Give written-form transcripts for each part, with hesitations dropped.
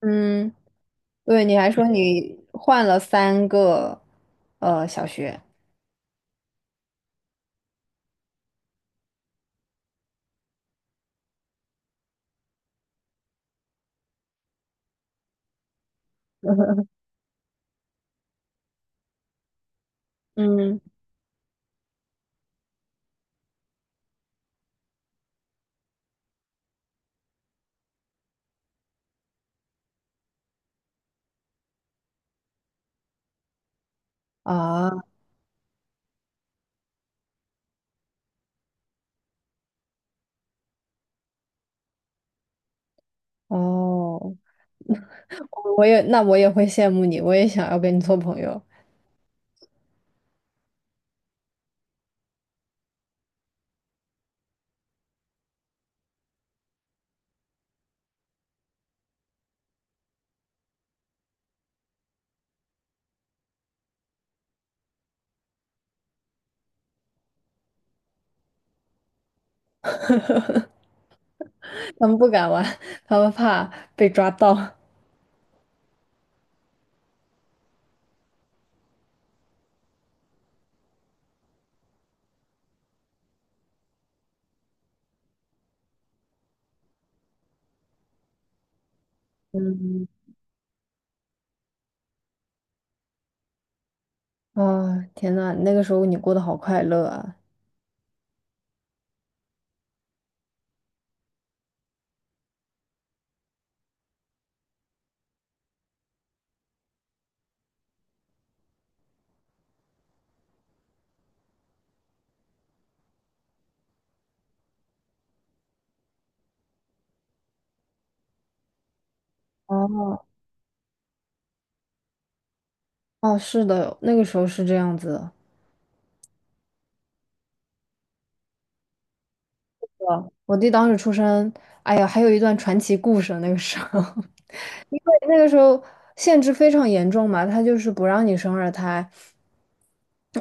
嗯，对，你还说你换了三个小学，嗯啊哦，那我也会羡慕你，我也想要跟你做朋友。他们不敢玩，他们怕被抓到。嗯啊，天呐，那个时候你过得好快乐啊！哦哦，是的，那个时候是这样子的。是吧，我弟当时出生，哎呀，还有一段传奇故事。那个时候，因为那个时候限制非常严重嘛，他就是不让你生二胎。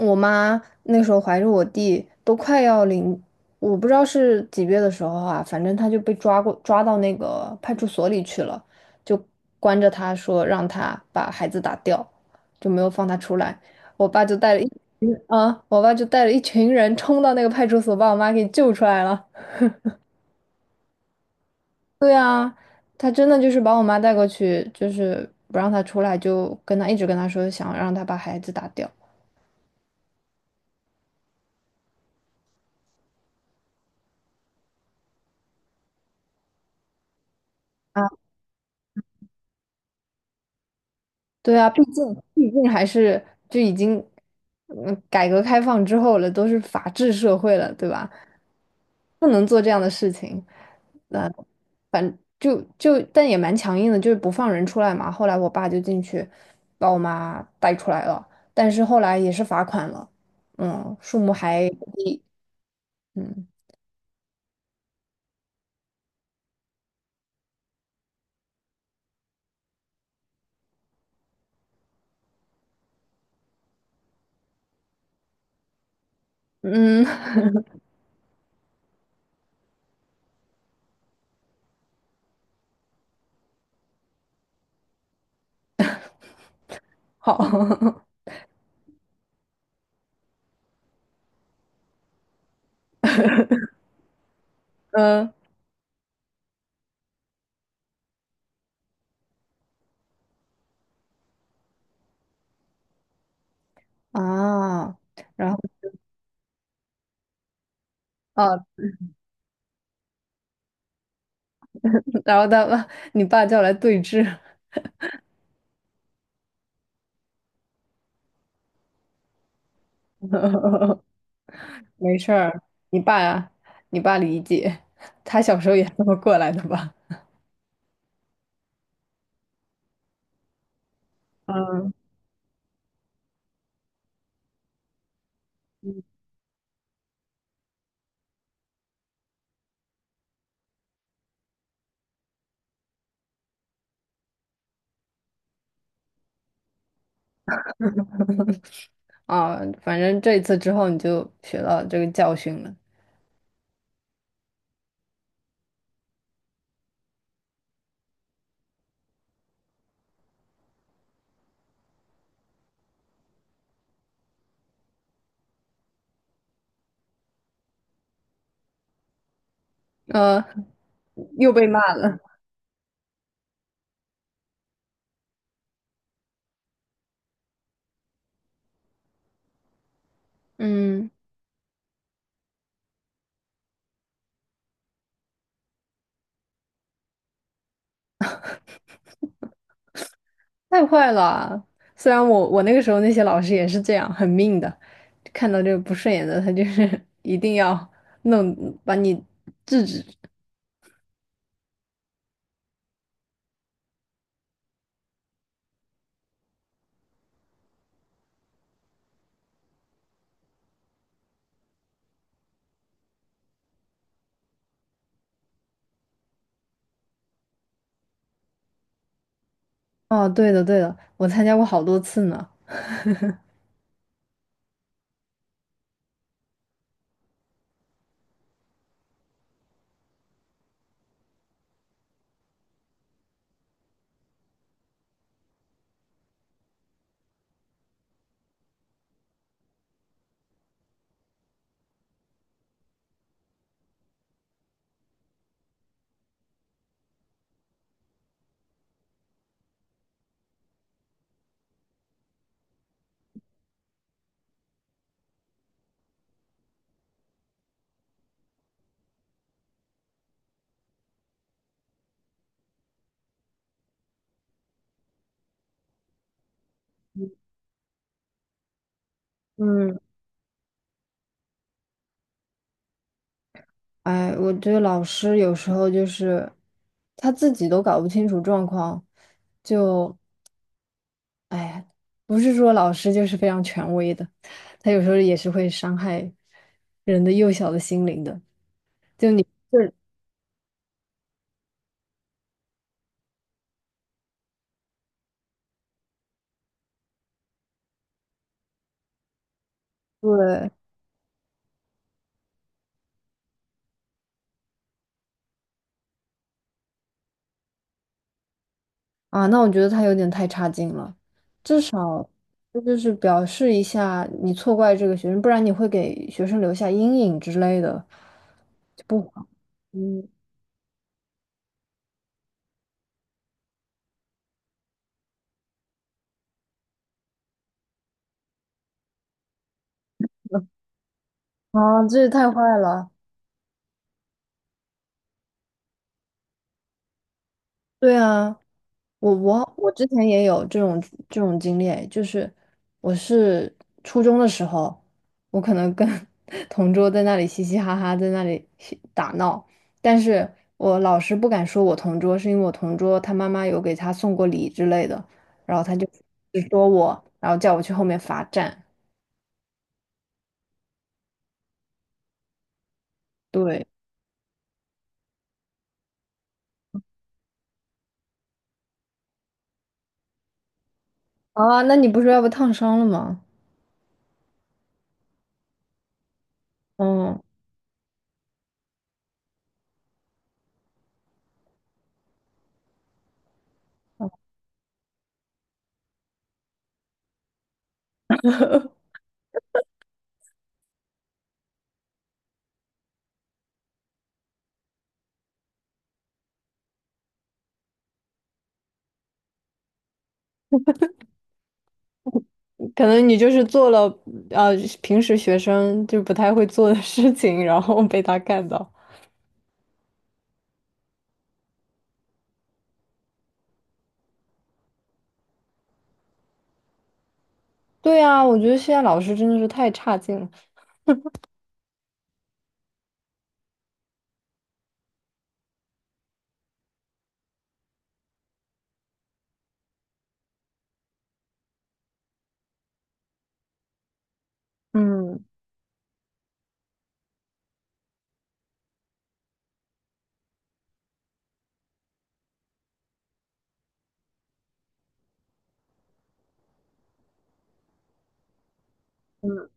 我妈那时候怀着我弟，都快要临，我不知道是几月的时候啊，反正他就被抓过，抓到那个派出所里去了，就关着他说让他把孩子打掉，就没有放他出来。我爸就带了一我爸就带了一群人冲到那个派出所，把我妈给救出来了。对啊，他真的就是把我妈带过去，就是不让她出来，就跟她一直跟她说，想让她把孩子打掉。啊，对啊，毕竟还是就已经，改革开放之后了，都是法治社会了，对吧？不能做这样的事情。那反就就但也蛮强硬的，就是不放人出来嘛。后来我爸就进去把我妈带出来了，但是后来也是罚款了，嗯，数目还不低，嗯嗯。好，嗯啊，然后啊，然后你爸叫来对峙。没事儿，你爸呀，你爸理解，他小时候也这么过来的吧？嗯，啊，反正这次之后你就学到这个教训了，呃，又被骂了，嗯，太坏了。虽然我那个时候那些老师也是这样，很命的，看到这个不顺眼的，他就是 一定要弄把你制止。哦，对的对的，我参加过好多次呢。嗯，哎，我觉得老师有时候就是他自己都搞不清楚状况，就哎呀，不是说老师就是非常权威的，他有时候也是会伤害人的幼小的心灵的。就你对，对啊，那我觉得他有点太差劲了，至少这就是表示一下你错怪这个学生，不然你会给学生留下阴影之类的，就不好。啊，这也太坏了！对啊，我之前也有这种经历，就是我是初中的时候，我可能跟 同桌在那里嘻嘻哈哈，在那里打闹，但是我老师不敢说我同桌，是因为我同桌他妈妈有给他送过礼之类的，然后他就只说我，然后叫我去后面罚站。对，啊，那你不是要被烫伤了吗？嗯。可能你就是做了呃平时学生就不太会做的事情，然后被他看到。对啊，我觉得现在老师真的是太差劲了。嗯，嗯，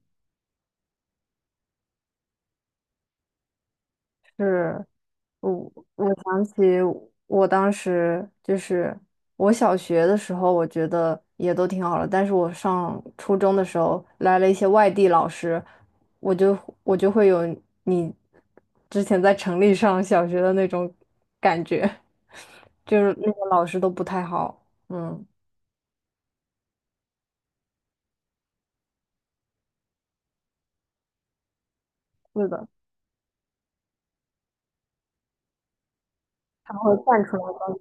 是。我想起我当时就是我小学的时候，我觉得也都挺好的，但是我上初中的时候来了一些外地老师，我就我就会有你之前在城里上小学的那种感觉，就是那个老师都不太好，嗯，是的，他会站出来帮你，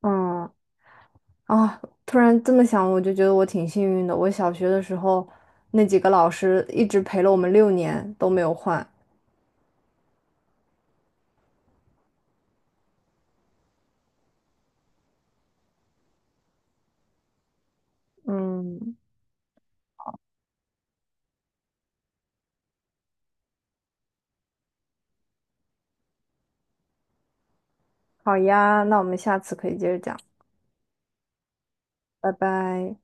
嗯。啊，突然这么想，我就觉得我挺幸运的。我小学的时候，那几个老师一直陪了我们6年都没有换。嗯，好呀，那我们下次可以接着讲，拜拜。